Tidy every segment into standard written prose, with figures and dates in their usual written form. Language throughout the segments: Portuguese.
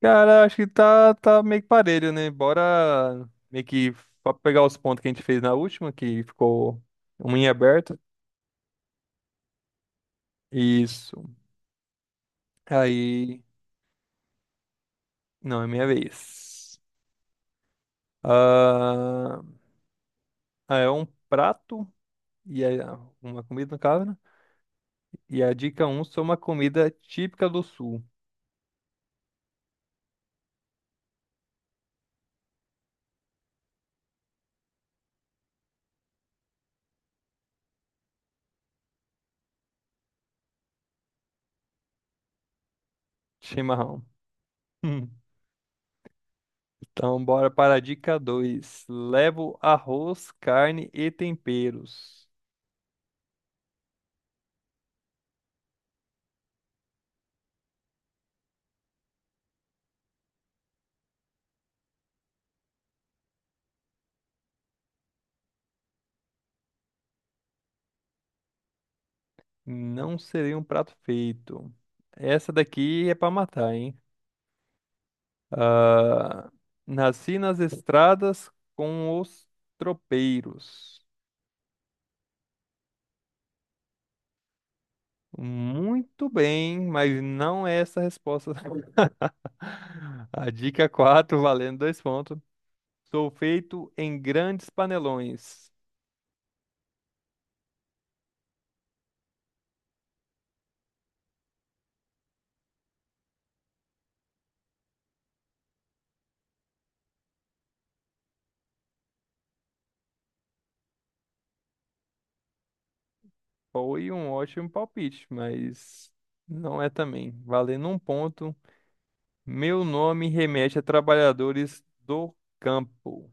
Cara, acho que tá meio que parelho, né? Bora meio que pegar os pontos que a gente fez na última, que ficou um em aberto. Isso. Aí. Não, é minha vez. Ah, ah, é um prato, e é uma comida, no caso, né? E a dica um são uma comida típica do sul: chimarrão. Hum. Então, bora para a dica 2. Levo arroz, carne e temperos. Não seria um prato feito. Essa daqui é pra matar, hein? Ah, nasci nas estradas com os tropeiros. Muito bem, mas não é essa a resposta. A dica 4, valendo dois pontos. Sou feito em grandes panelões. Foi um ótimo palpite, mas não é também. Valendo um ponto. Meu nome remete a trabalhadores do campo.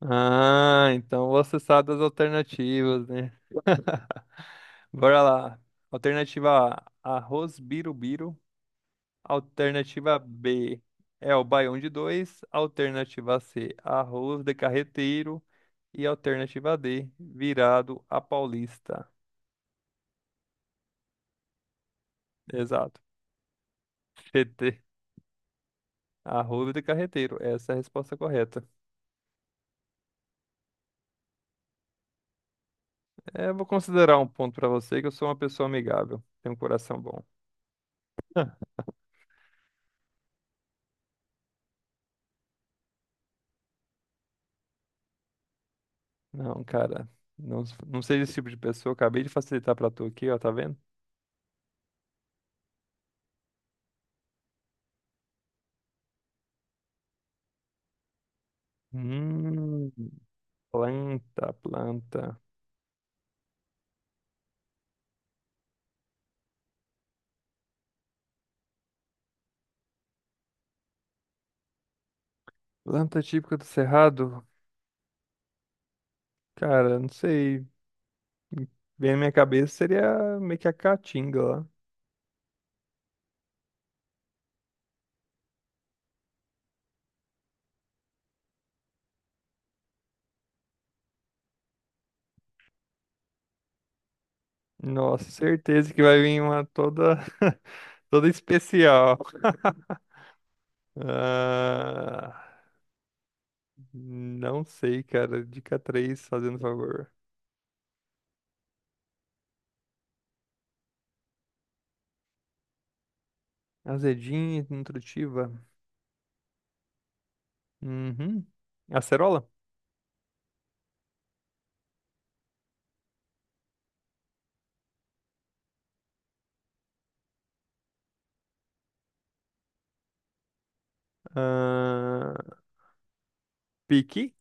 Ah, então você sabe das alternativas, né? Bora lá. Alternativa A, arroz birubiru. Alternativa B, é o baião de dois. Alternativa C, arroz de carreteiro. E alternativa D, virado a paulista. Exato. CT, arroz de carreteiro. Essa é a resposta correta. É, eu vou considerar um ponto pra você que eu sou uma pessoa amigável. Tenho um coração bom. Não, cara. Não, seja esse tipo de pessoa. Acabei de facilitar pra tu aqui, ó, tá vendo? Hum, planta. Planta típica do Cerrado? Cara, não sei. Vem na minha cabeça seria meio que a caatinga lá. Nossa, certeza que vai vir uma toda, toda especial. Ah, não sei, cara. Dica três, fazendo favor. Azedinha, e nutritiva. Uhum. Acerola? Ah, Piqui?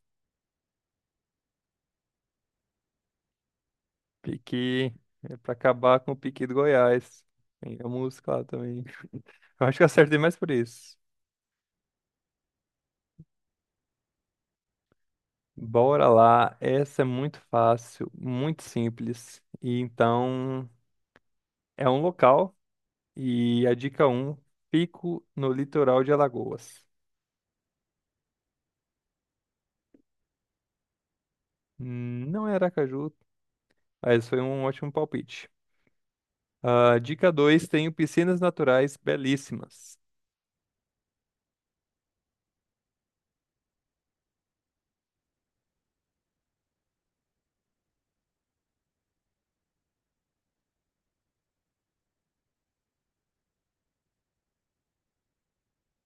Piqui. É pra acabar com o Piqui do Goiás. Tem a música lá também. Eu acho que eu acertei mais por isso. Bora lá. Essa é muito fácil, muito simples. E então, é um local. E a dica um: fico no litoral de Alagoas. Não é Aracaju, mas foi um ótimo palpite. Ah, dica 2: tenho piscinas naturais belíssimas.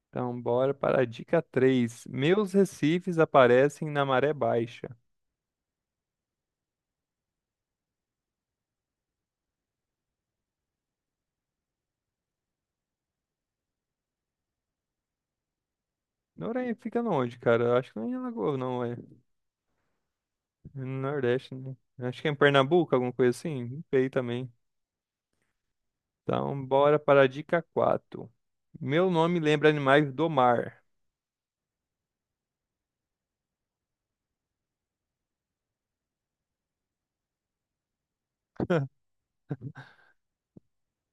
Então, bora para a dica 3. Meus recifes aparecem na maré baixa. Noronha fica onde, cara? Eu acho que não é em Alagoas, não, é É no Nordeste, né? Eu acho que é em Pernambuco, alguma coisa assim. Não sei também. Então, bora para a dica quatro. Meu nome lembra animais do mar.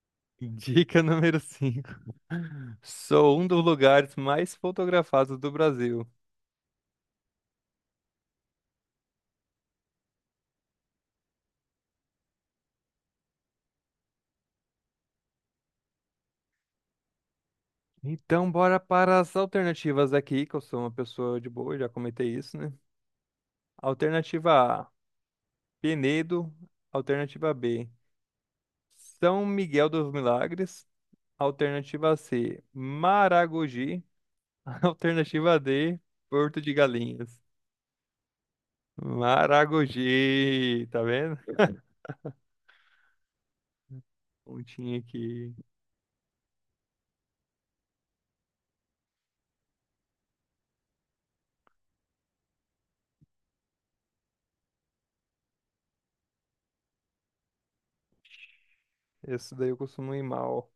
Dica número 5. Sou um dos lugares mais fotografados do Brasil. Então, bora para as alternativas aqui, que eu sou uma pessoa de boa, já comentei isso, né? Alternativa A, Penedo. Alternativa B, São Miguel dos Milagres. Alternativa C, Maragogi. Alternativa D, Porto de Galinhas. Maragogi, tá vendo? Pontinha aqui. Essa daí eu costumo ir mal.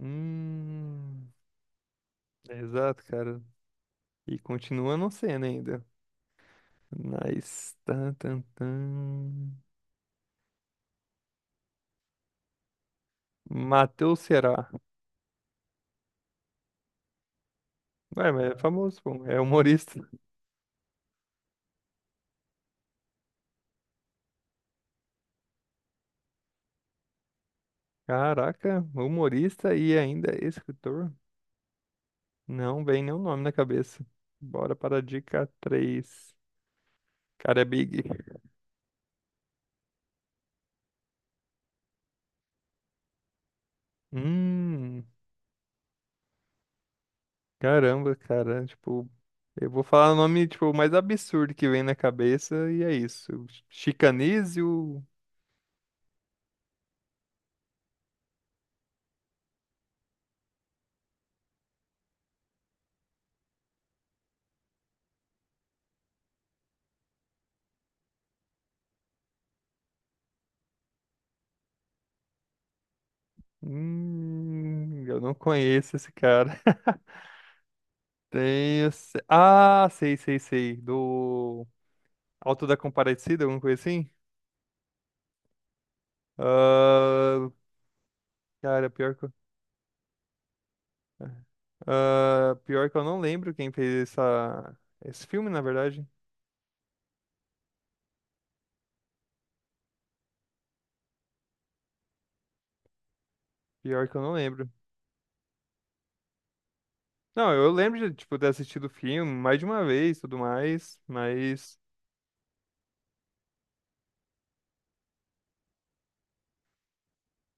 Hum, é exato, cara. E continua não sendo ainda. Nice. Tan, tan, tan. Matheus Ceará. Ué, mas é famoso, pô. É humorista. Caraca, humorista e ainda escritor. Não vem nenhum nome na cabeça. Bora para a dica 3. Cara, é Big. Hum, caramba, cara. Tipo, eu vou falar o nome, tipo, mais absurdo que vem na cabeça e é isso. Chicanísio. Eu não conheço esse cara. Tem. Ah, sei. Do Alto da Comparecida, alguma coisa assim? Ah, cara, pior que, pior que eu não lembro quem fez essa... esse filme, na verdade. Pior que eu não lembro. Não, eu lembro de, tipo, ter assistido o filme mais de uma vez, tudo mais, mas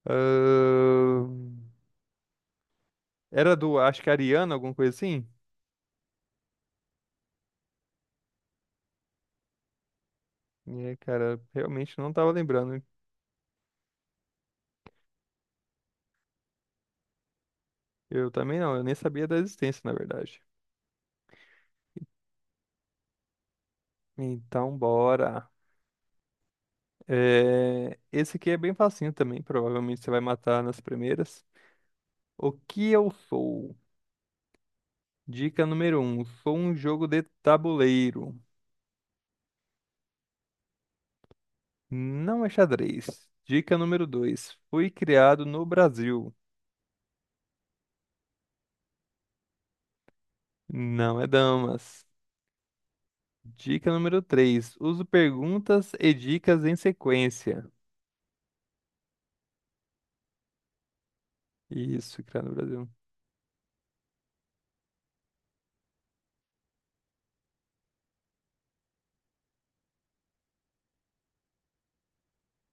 ahn, era do, acho que Ariana, alguma coisa assim. E, aí, cara, realmente não tava lembrando. Eu também não, eu nem sabia da existência, na verdade. Então, bora. É, esse aqui é bem facinho também, provavelmente você vai matar nas primeiras. O que eu sou? Dica número um, sou um jogo de tabuleiro. Não é xadrez. Dica número 2: Fui criado no Brasil. Não é damas. Dica número 3: Uso perguntas e dicas em sequência. Isso, criado no Brasil.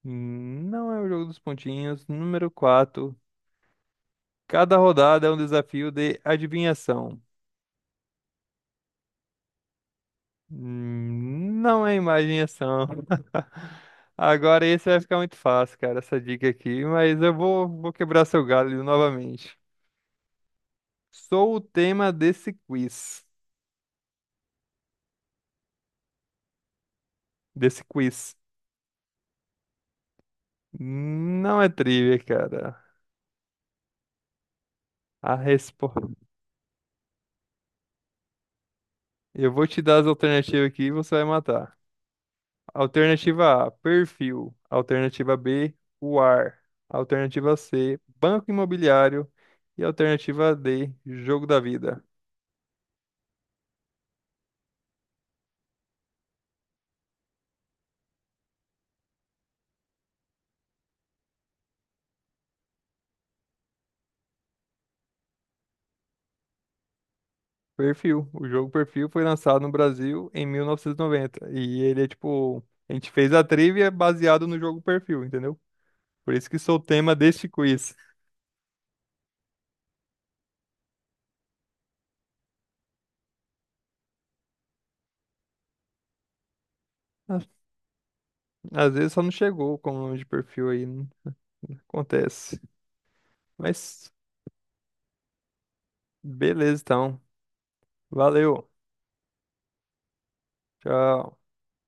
Não é o jogo dos pontinhos. Número 4: Cada rodada é um desafio de adivinhação. Não é imagem e ação. Agora esse vai ficar muito fácil, cara, essa dica aqui, mas eu vou quebrar seu galho novamente. Sou o tema desse quiz. Desse quiz. Não é trivia, cara. A resposta Eu vou te dar as alternativas aqui e você vai matar. Alternativa A, perfil. Alternativa B, o ar. Alternativa C, banco imobiliário. E alternativa D, jogo da vida. Perfil. O jogo Perfil foi lançado no Brasil em 1990. E noventa. E ele é tipo. A gente fez a trivia baseado no jogo Perfil, entendeu? Por isso que sou o tema deste quiz. Às às vezes só não chegou com o nome de perfil aí. Né? Acontece. Mas beleza, então. Valeu. Tchau.